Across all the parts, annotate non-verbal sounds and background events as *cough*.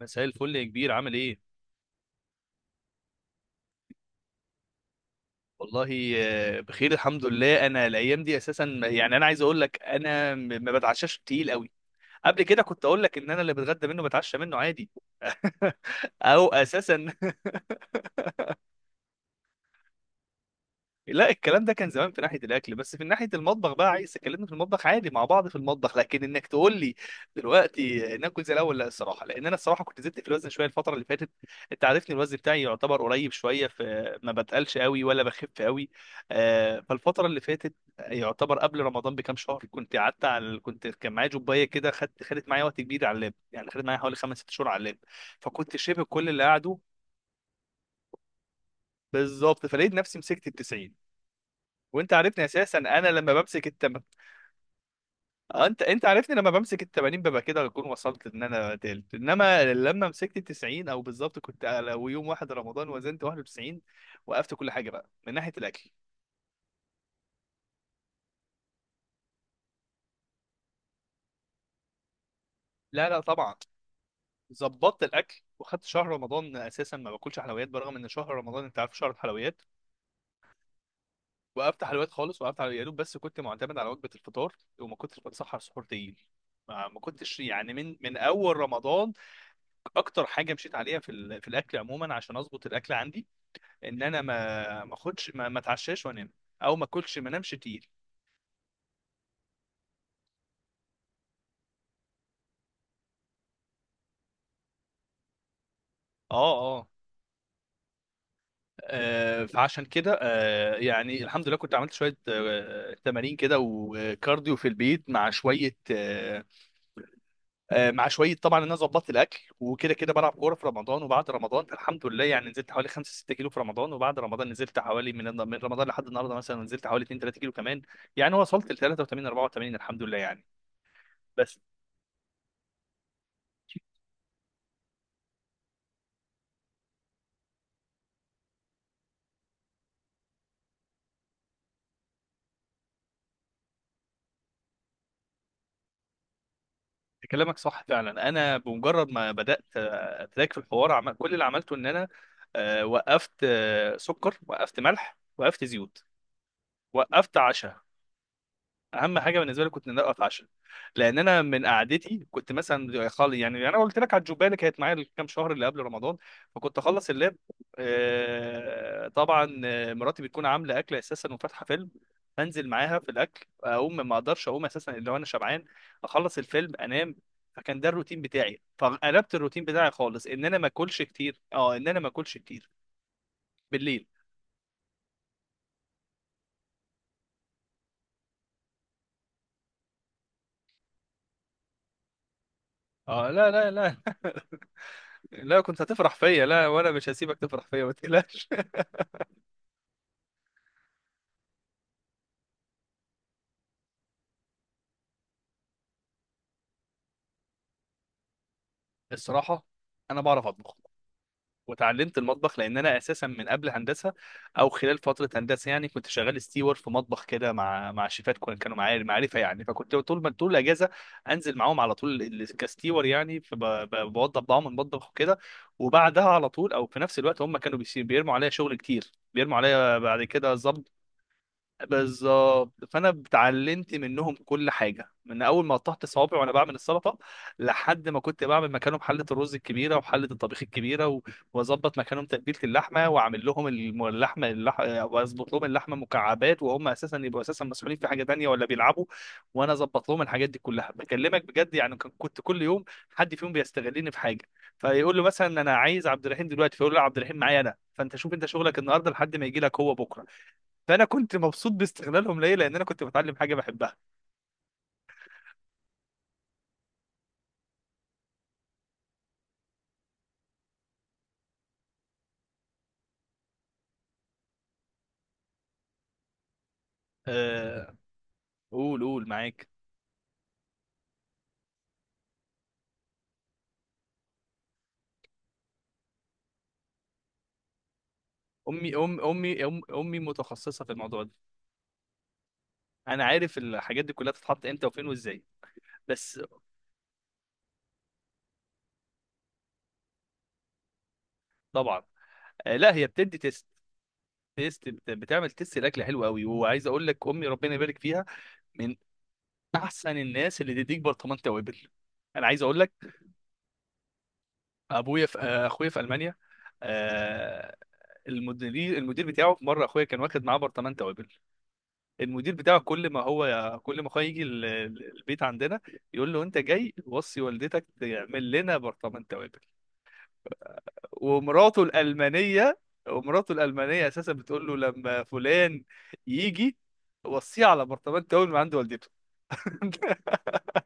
مساء الفل يا كبير، عامل ايه؟ والله بخير الحمد لله. انا الايام دي اساسا، يعني، انا عايز اقول لك انا ما بتعشاش تقيل قوي. قبل كده كنت اقول لك ان انا اللي بتغدى منه بتعشى منه عادي، *laughs* او اساسا. *laughs* لا، الكلام ده كان زمان في ناحيه الاكل، بس في ناحيه المطبخ بقى عايز اكلمني في المطبخ عادي مع بعض في المطبخ، لكن انك تقول لي دلوقتي ناكل زي الاول لا. الصراحه، لان انا الصراحه كنت زدت في الوزن شويه الفتره اللي فاتت. انت عارفني الوزن بتاعي يعتبر قريب شويه، في ما بتقلش قوي ولا بخف قوي. فالفتره اللي فاتت، يعتبر قبل رمضان بكام شهر، كنت قعدت على كنت كان معايا جوبايه كده، خدت معايا وقت كبير على اللاب، يعني خدت معايا حوالي خمس ست شهور على اللاب. فكنت شبه كل اللي قعدوا، بالظبط. فلقيت نفسي مسكت ال 90. وانت عارفني اساسا، انا لما بمسك التمن، انت عارفني لما بمسك ال 80 ببقى كده اكون وصلت ان انا تالت، انما لما مسكت ال 90، او بالظبط كنت لو يوم واحد رمضان، وزنت 91. وقفت كل حاجه بقى من ناحيه الاكل. لا، لا، طبعا. ظبطت الاكل، وخدت شهر رمضان اساسا ما باكلش حلويات، برغم ان شهر رمضان انت عارف شهر الحلويات. وقفت حلويات خالص، وقفت على يا دوب، بس كنت معتمد على وجبه الفطار، وما كنتش بتسحر سحور تقيل. ما كنتش يعني من اول رمضان. اكتر حاجه مشيت عليها في الاكل عموما، عشان اظبط الاكل عندي، ان انا ما اخدش ما اتعشاش وانام، او ما اكلش ما انامش تقيل. اه. اه. فعشان كده يعني الحمد لله، كنت عملت شويه تمارين كده وكارديو في البيت، مع شويه مع شويه طبعا، ان انا ظبطت الاكل، وكده كده بلعب كوره في رمضان وبعد رمضان. الحمد لله يعني، نزلت حوالي 5 6 كيلو في رمضان، وبعد رمضان نزلت حوالي، من رمضان لحد النهارده مثلا، نزلت حوالي 2 3 كيلو كمان. يعني وصلت ل 83 84، الحمد لله يعني. بس كلامك صح فعلا. انا بمجرد ما بدات اتراك في الحوار، كل اللي عملته ان انا وقفت سكر، وقفت ملح، وقفت زيوت، وقفت عشاء. اهم حاجه بالنسبه لي كنت ان انا اتعشى، لان انا من قعدتي كنت مثلا خالي. يعني انا قلت لك على الجوبايه اللي كانت معايا الكام شهر اللي قبل رمضان، فكنت اخلص اللاب طبعا، مراتي بتكون عامله اكل اساسا وفاتحه فيلم، انزل معاها في الاكل، اقوم ما اقدرش اقوم اساسا الا وانا شبعان، اخلص الفيلم انام. فكان ده الروتين بتاعي، فقلبت الروتين بتاعي خالص، ان انا ما اكلش كتير، اه ان انا ما اكلش كتير بالليل. اه، لا، لا، لا. *laughs* لا كنت هتفرح فيا، لا وانا مش هسيبك تفرح فيا، ما تقلقش. الصراحه، انا بعرف اطبخ. وتعلمت المطبخ لان انا اساسا من قبل هندسه، او خلال فتره هندسه، يعني كنت شغال ستيور في مطبخ كده مع شيفات كانوا معايا معرفه، يعني فكنت طول ما طول الاجازه انزل معاهم على طول كستيور، يعني فبوضب معاهم المطبخ وكده. وبعدها على طول، او في نفس الوقت، هم كانوا بيرموا عليا شغل كتير، بيرموا عليا بعد كده، بالظبط. فانا اتعلمت منهم كل حاجه، من اول ما قطعت صوابعي وانا بعمل السلطه، لحد ما كنت بعمل مكانهم حله الرز الكبيره وحله الطبيخ الكبيره و- واظبط مكانهم تتبيله اللحمه، واعمل لهم اللحمه واظبط لهم اللحمه مكعبات، وهم اساسا يبقوا اساسا مسؤولين في حاجه تانيه ولا بيلعبوا، وانا اظبط لهم الحاجات دي كلها. بكلمك بجد، يعني كنت كل يوم حد فيهم بيستغلني في حاجه، فيقول له مثلا انا عايز عبد الرحيم دلوقتي، فيقول له لا، عبد الرحيم معايا انا، فانت شوف انت شغلك النهارده لحد ما يجي لك هو بكره. فانا كنت مبسوط باستغلالهم ليا، لان انا كنت بتعلم حاجه بحبها. آه، قول قول معاك. امي ام امي أم امي متخصصه في الموضوع ده. انا عارف الحاجات دي كلها بتتحط امتى وفين وازاي، بس. طبعا. لا، هي بتدي تيست. بتعمل تيست الاكل حلو قوي. وعايز اقول لك امي ربنا يبارك فيها، من احسن الناس اللي تديك برطمان توابل. انا عايز اقول لك، ابويا في آه، اخويا في المانيا. آه، المدير، المدير بتاعه، في مره اخويا كان واخد معاه برطمان توابل. المدير بتاعه كل ما هو، كل ما هو يجي البيت عندنا، يقول له انت جاي وصي والدتك تعمل لنا برطمان توابل. ومراته الألمانية ومراته الألمانية أساسا بتقول له لما فلان يجي، وصيه على برطمان توابل من عند والدته. *laughs*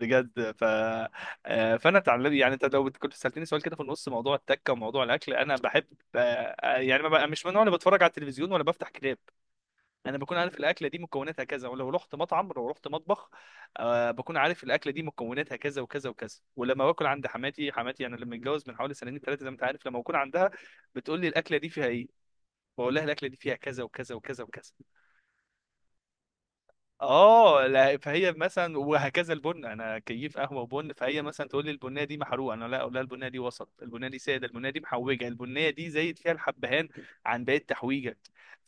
بجد ف آه، فانا اتعلم. يعني انت لو كنت سالتني سؤال كده في النص، موضوع التكه وموضوع الاكل، انا بحب. يعني ما بقى- مش من النوع اللي بتفرج على التلفزيون ولا بفتح كتاب. انا بكون عارف الاكله دي مكوناتها كذا، ولو رحت مطعم لو رحت مطبخ، بكون عارف الاكله دي مكوناتها كذا وكذا وكذا. ولما باكل عند حماتي، حماتي انا لما اتجوز من حوالي سنتين ثلاثه زي ما انت عارف، لما بكون عندها بتقول لي الاكله دي فيها ايه، بقول لها الاكله دي فيها كذا وكذا وكذا وكذا. اه. لا، فهي مثلا، وهكذا البن، انا كيف قهوه وبن، فهي مثلا تقول لي البنيه دي محروقه، انا لا اقول لها البنيه دي وسط، البنيه دي ساده، البنيه دي محوجه، البنيه دي زايد فيها الحبهان عن باقي التحويجه.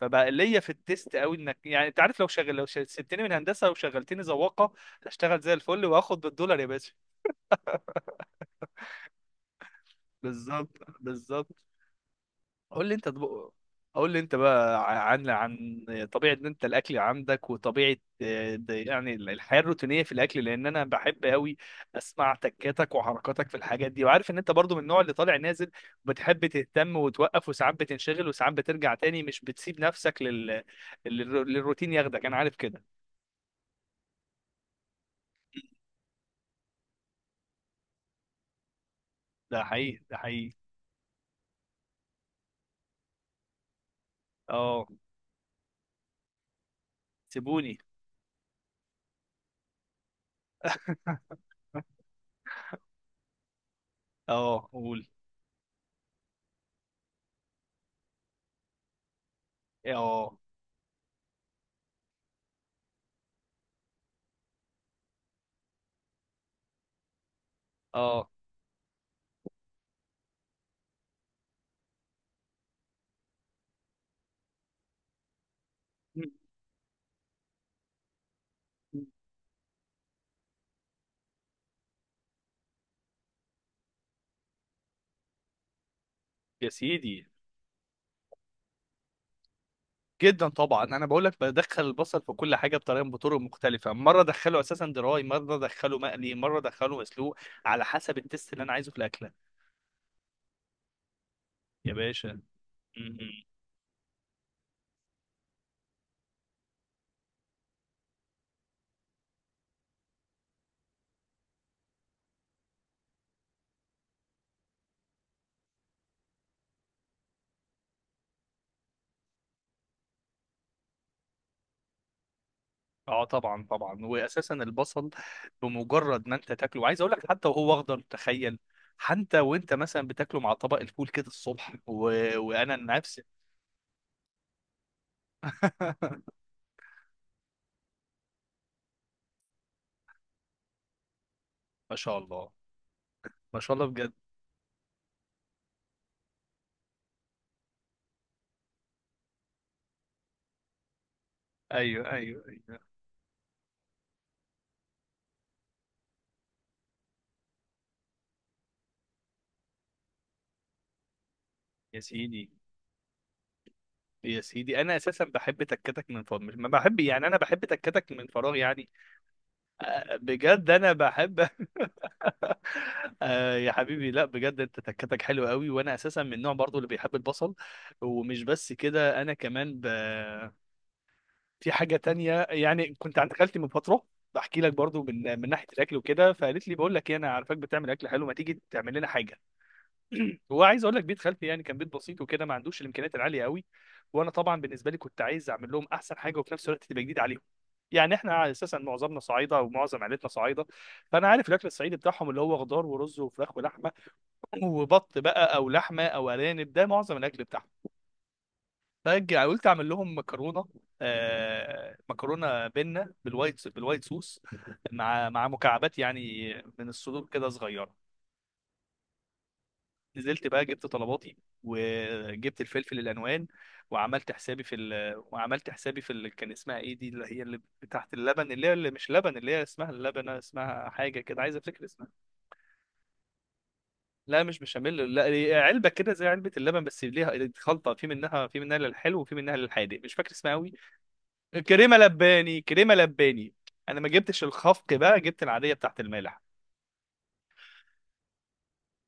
فبقى ليا في التيست قوي. انك يعني انت عارف لو شغل لو سبتني من هندسه وشغلتني ذواقه، هشتغل زي الفل واخد بالدولار يا باشا. بالظبط بالظبط. قول لي انت طب... قول لي انت بقى عن طبيعه ان انت الاكل عندك، وطبيعه، ده يعني الحياه الروتينيه في الاكل، لان انا بحب قوي اسمع تكاتك وحركاتك في الحاجات دي. وعارف ان انت برضو من النوع اللي طالع نازل، بتحب تهتم وتوقف وساعات بتنشغل وساعات بترجع تاني، مش بتسيب نفسك للروتين ياخدك، انا عارف كده. ده حقيقي ده حقيقي. اه سيبوني. *laughs* اه قول. اه. اه. يا سيدي. جدا طبعا. انا بقول لك بدخل البصل في كل حاجه بطريقه، بطرق مختلفه، مره ادخله اساسا دراي، مره ادخله مقلي، مره ادخله مسلوق، على حسب التست اللي انا عايزه في الاكله. يا باشا. م-م. اه طبعا طبعا، واساسا البصل بمجرد ما انت تاكله، وعايز اقول لك حتى وهو اخضر تخيل، حتى وانت مثلا بتاكله مع طبق الفول كده الصبح وانا نفسي. *laughs* ما شاء الله، ما شاء الله بجد. ايوه ايوه ايوه. يا سيدي. يا سيدي انا اساسا بحب تكتك من فراغ، ما بحب يعني، انا بحب تكتك من فراغ يعني. بجد انا بحب. *laughs* آه يا حبيبي، لا بجد انت تكتك حلو قوي. وانا اساسا من النوع برضو اللي بيحب البصل، ومش بس كده انا كمان في حاجه تانية. يعني كنت عند خالتي من فتره، بحكي لك برضو من ناحيه الاكل وكده، فقالت لي بقول لك ايه، انا عارفاك بتعمل اكل حلو، ما تيجي تعمل لنا حاجه. هو عايز اقول لك بيت خالتي يعني، كان بيت بسيط وكده، ما عندوش الامكانيات العاليه قوي. وانا طبعا بالنسبه لي كنت عايز اعمل لهم احسن حاجه، وفي نفس الوقت تبقى جديد عليهم. يعني احنا اساسا معظمنا صعايده، ومعظم عائلتنا صعايده، فانا عارف الاكل الصعيدي بتاعهم، اللي هو خضار ورز وفراخ ولحمه، *clears throat* وبط بقى، او لحمه، او ارانب، ده معظم الاكل بتاعهم. فقلت اعمل لهم مكرونه، مكرونه بنه بالوايت، بالوايت صوص، مع مكعبات يعني من الصدور كده صغيره. نزلت بقى جبت طلباتي، وجبت الفلفل الالوان، وعملت حسابي في ال... كان اسمها ايه دي، اللي هي اللي تحت اللبن، اللي هي اللي مش لبن، اللي هي اسمها اللبنه، اسمها حاجه كده عايز افتكر اسمها. لا مش بشاميل، لا هي علبه كده زي علبه اللبن، بس ليها خلطه، في منها للحلو، وفي منها للحادق، مش فاكر اسمها قوي. كريمه لباني. انا ما جبتش الخفق، بقى جبت العاديه بتاعت المالح،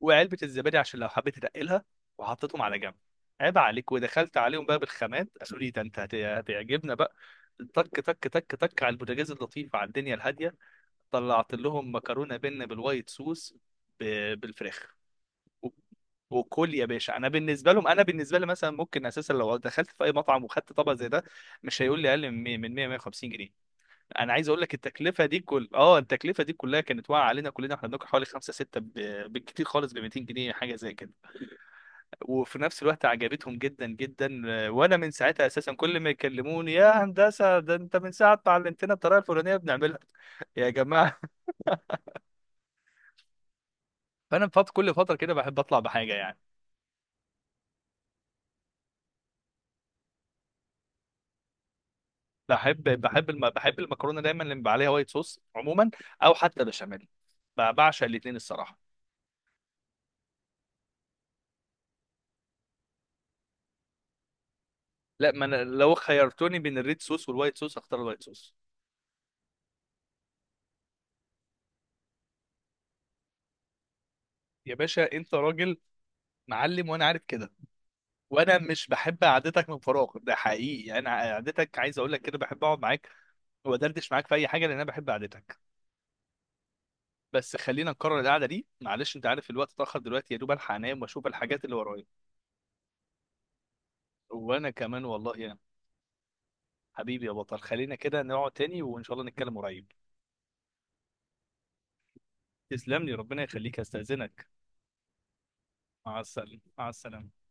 وعلبه الزبادي عشان لو حبيت تنقلها، وحطيتهم على جنب. عيب عليك. ودخلت عليهم بقى بالخامات، قالوا لي ده انت هتعجبنا بقى. تك تك تك تك على البوتاجاز اللطيف، على الدنيا الهاديه، طلعت لهم مكرونه بينا بالوايت صوص بالفراخ. وكل يا باشا. انا بالنسبه لهم، انا بالنسبه لي مثلا ممكن اساسا لو دخلت في اي مطعم وخدت طبق زي ده، مش هيقول لي اقل من 100، من 100 150 جنيه. انا عايز اقول لك التكلفه دي كلها كانت واقعه علينا كلنا، احنا بناكل حوالي خمسة ستة بالكتير خالص ب 200 جنيه حاجه زي كده. وفي نفس الوقت عجبتهم جدا جدا. وانا من ساعتها اساسا كل ما يكلموني يا هندسه ده انت من ساعه ما علمتنا الطريقه الفلانيه بنعملها، *laughs* يا جماعه. فانا فات كل فتره كده بحب اطلع بحاجه يعني. بحب المكرونه دايما اللي بيبقى عليها وايت صوص عموما، او حتى بشاميل، بعشق الاثنين الصراحه. لا ما أنا لو خيرتوني بين الريد صوص والوايت صوص اختار الوايت صوص. يا باشا انت راجل معلم، وانا عارف كده. وانا مش بحب قعدتك من فراغ ده حقيقي، يعني انا قعدتك عايز اقول لك كده، بحب اقعد معاك وادردش معاك في اي حاجه، لان انا بحب قعدتك. بس خلينا نكرر القعده دي معلش، انت عارف الوقت اتاخر دلوقتي، يا دوب الحق انام واشوف الحاجات اللي ورايا. وانا كمان والله، يا حبيبي يا بطل، خلينا كده نقعد تاني، وان شاء الله نتكلم قريب. تسلم لي ربنا يخليك، استاذنك. مع السلامه، مع السلامه.